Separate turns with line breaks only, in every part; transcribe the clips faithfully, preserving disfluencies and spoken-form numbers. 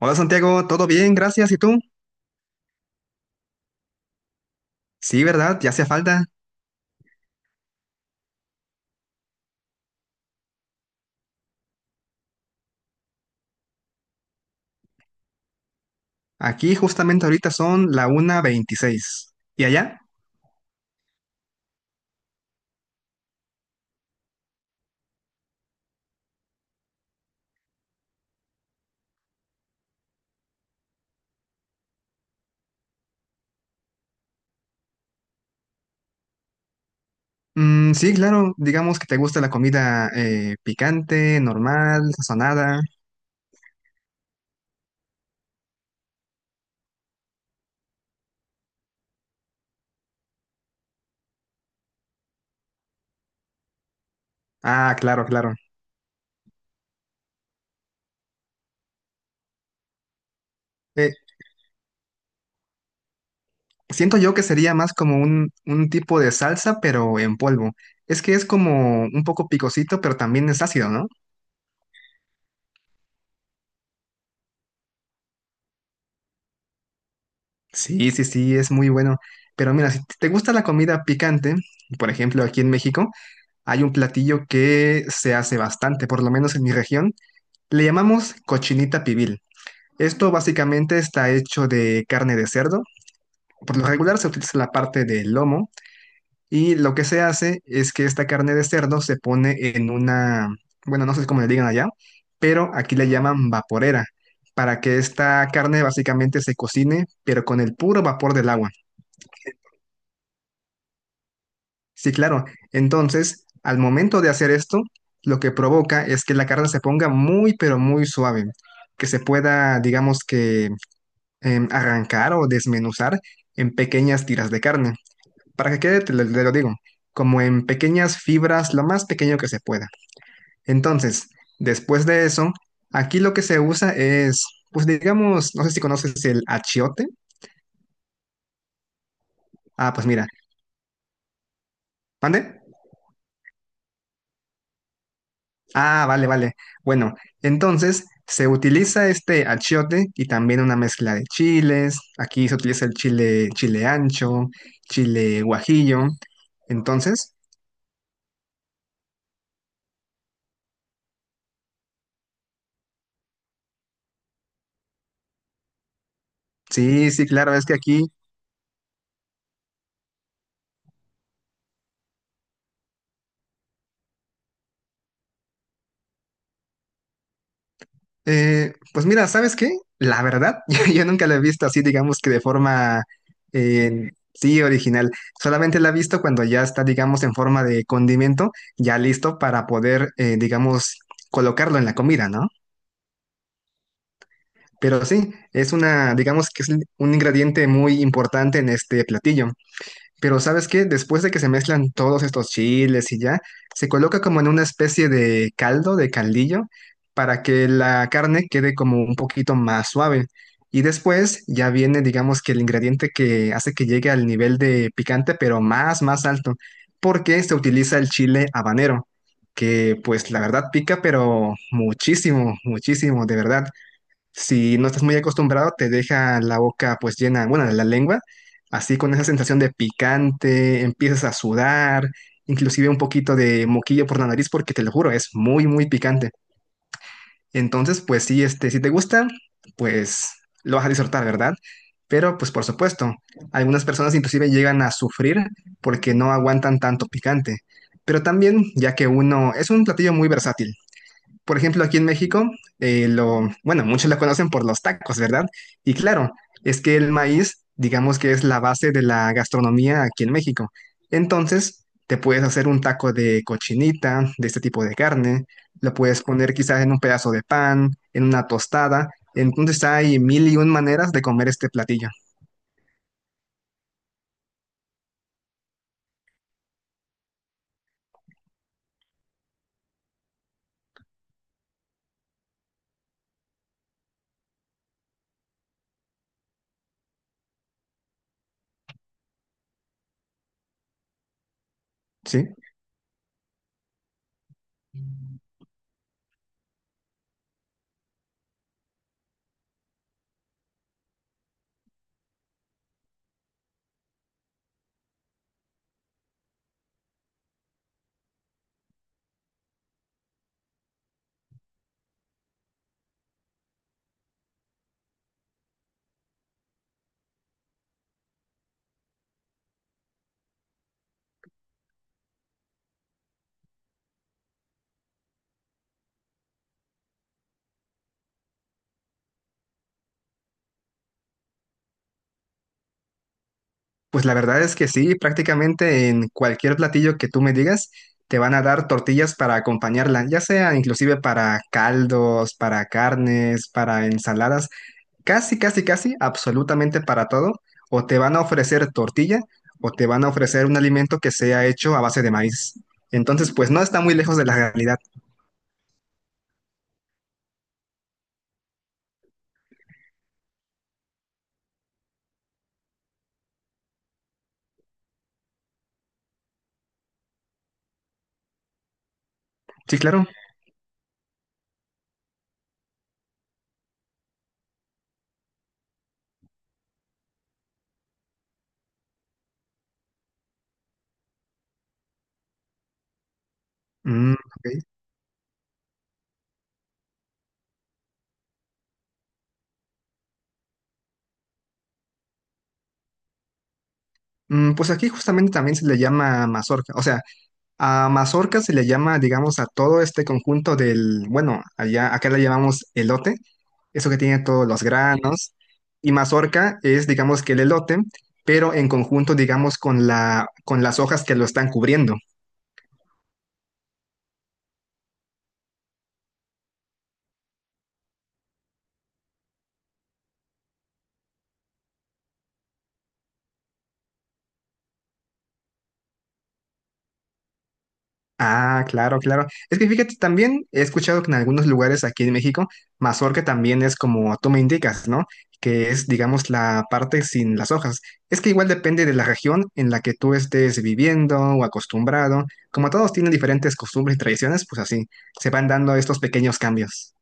Hola Santiago, ¿todo bien? Gracias. ¿Y tú? Sí, ¿verdad? Ya hacía falta. Aquí justamente ahorita son la una veintiséis. ¿Y allá? Mm, sí, claro. Digamos que te gusta la comida eh, picante, normal, sazonada. Ah, claro, claro. Eh, Siento yo que sería más como un, un tipo de salsa, pero en polvo. Es que es como un poco picosito, pero también es ácido, ¿no? Sí, sí, sí, es muy bueno. Pero mira, si te gusta la comida picante, por ejemplo, aquí en México, hay un platillo que se hace bastante, por lo menos en mi región. Le llamamos cochinita pibil. Esto básicamente está hecho de carne de cerdo. Por lo regular se utiliza la parte del lomo y lo que se hace es que esta carne de cerdo se pone en una, bueno, no sé cómo le digan allá, pero aquí le llaman vaporera, para que esta carne básicamente se cocine, pero con el puro vapor del agua. Sí, claro. Entonces, al momento de hacer esto, lo que provoca es que la carne se ponga muy, pero muy suave, que se pueda, digamos que, em, arrancar o desmenuzar en pequeñas tiras de carne. Para que quede, te lo, te lo digo, como en pequeñas fibras, lo más pequeño que se pueda. Entonces, después de eso, aquí lo que se usa es, pues digamos, no sé si conoces el achiote. Ah, pues mira, ¿mande? Ah, vale, vale. Bueno, entonces se utiliza este achiote y también una mezcla de chiles. Aquí se utiliza el chile, chile ancho, chile guajillo. Entonces, sí, sí, claro, es que aquí, eh, pues mira, ¿sabes qué? La verdad, yo, yo nunca la he visto así, digamos que de forma, eh, sí, original. Solamente la he visto cuando ya está, digamos, en forma de condimento, ya listo para poder, eh, digamos, colocarlo en la comida, ¿no? Pero sí, es una, digamos que es un ingrediente muy importante en este platillo. Pero ¿sabes qué? Después de que se mezclan todos estos chiles y ya, se coloca como en una especie de caldo, de caldillo, para que la carne quede como un poquito más suave. Y después ya viene, digamos que el ingrediente que hace que llegue al nivel de picante, pero más, más alto, porque se utiliza el chile habanero, que pues la verdad pica, pero muchísimo, muchísimo, de verdad. Si no estás muy acostumbrado, te deja la boca pues llena, bueno, la lengua, así con esa sensación de picante, empiezas a sudar, inclusive un poquito de moquillo por la nariz, porque te lo juro, es muy, muy picante. Entonces, pues sí, este, si te gusta, pues lo vas a disfrutar, ¿verdad? Pero pues por supuesto, algunas personas inclusive llegan a sufrir porque no aguantan tanto picante. Pero también, ya que uno es un platillo muy versátil. Por ejemplo, aquí en México, eh, lo, bueno, muchos la conocen por los tacos, ¿verdad? Y claro, es que el maíz, digamos que es la base de la gastronomía aquí en México. Entonces, te puedes hacer un taco de cochinita, de este tipo de carne, lo puedes poner quizás en un pedazo de pan, en una tostada. Entonces, hay mil y un maneras de comer este platillo, ¿sí? Pues la verdad es que sí, prácticamente en cualquier platillo que tú me digas, te van a dar tortillas para acompañarla, ya sea inclusive para caldos, para carnes, para ensaladas, casi, casi, casi, absolutamente para todo. O te van a ofrecer tortilla o te van a ofrecer un alimento que sea hecho a base de maíz. Entonces, pues no está muy lejos de la realidad. Sí, claro. Mm, ok. Mm, pues aquí justamente también se le llama mazorca. O sea, a mazorca se le llama, digamos, a todo este conjunto del, bueno, allá, acá le llamamos elote, eso que tiene todos los granos, y mazorca es, digamos, que el elote, pero en conjunto, digamos, con la, con las hojas que lo están cubriendo. Ah, claro, claro. Es que fíjate, también he escuchado que en algunos lugares aquí en México, mazorca también es como tú me indicas, ¿no? Que es, digamos, la parte sin las hojas. Es que igual depende de la región en la que tú estés viviendo o acostumbrado. Como todos tienen diferentes costumbres y tradiciones, pues así se van dando estos pequeños cambios.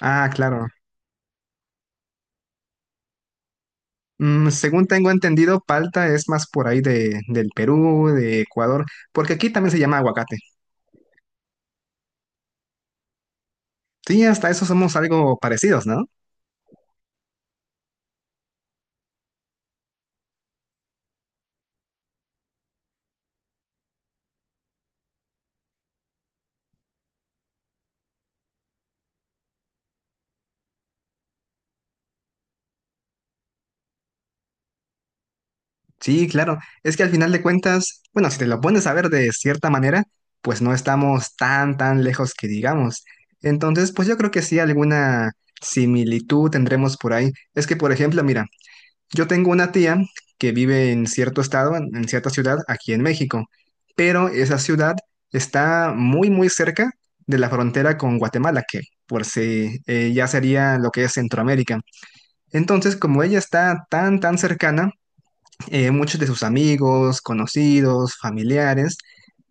Ah, claro. Mm, según tengo entendido, palta es más por ahí de, del Perú, de Ecuador, porque aquí también se llama aguacate. Sí, hasta eso somos algo parecidos, ¿no? Sí, claro. Es que al final de cuentas, bueno, si te lo pones a ver de cierta manera, pues no estamos tan, tan lejos que digamos. Entonces, pues yo creo que sí, alguna similitud tendremos por ahí. Es que, por ejemplo, mira, yo tengo una tía que vive en cierto estado, en, en cierta ciudad, aquí en México, pero esa ciudad está muy, muy cerca de la frontera con Guatemala, que por si eh, ya sería lo que es Centroamérica. Entonces, como ella está tan, tan cercana, eh, muchos de sus amigos, conocidos, familiares,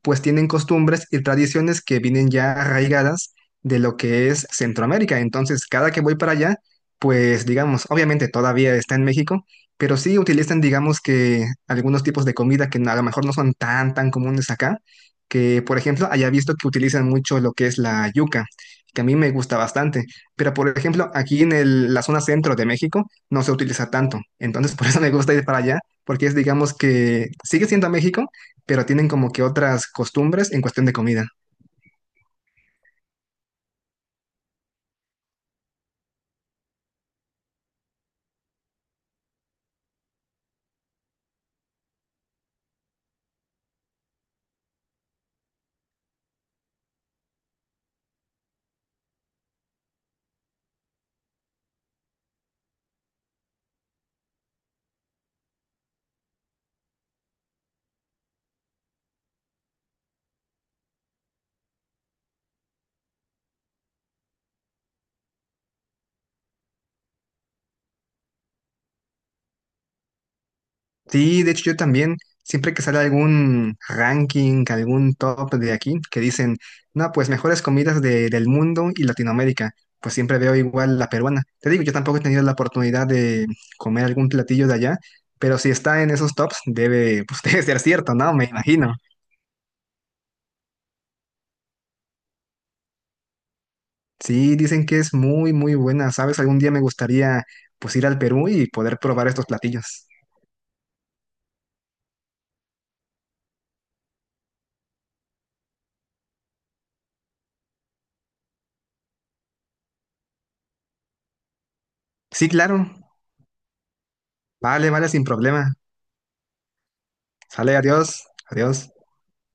pues tienen costumbres y tradiciones que vienen ya arraigadas de lo que es Centroamérica. Entonces, cada que voy para allá, pues digamos, obviamente todavía está en México, pero sí utilizan, digamos que algunos tipos de comida que a lo mejor no son tan, tan comunes acá, que por ejemplo, haya visto que utilizan mucho lo que es la yuca, que a mí me gusta bastante, pero por ejemplo, aquí en el- la zona centro de México no se utiliza tanto, entonces por eso me gusta ir para allá porque es, digamos que sigue siendo México, pero tienen como que otras costumbres en cuestión de comida. Sí, de hecho yo también, siempre que sale algún ranking, algún top de aquí, que dicen, no, pues mejores comidas de- del mundo y Latinoamérica, pues siempre veo igual la peruana. Te digo, yo tampoco he tenido la oportunidad de comer algún platillo de allá, pero si está en esos tops, debe, pues debe ser cierto, ¿no? Me imagino. Sí, dicen que es muy, muy buena. ¿Sabes? Algún día me gustaría pues ir al Perú y poder probar estos platillos. Sí, claro. Vale, vale, sin problema. Sale, adiós, adiós.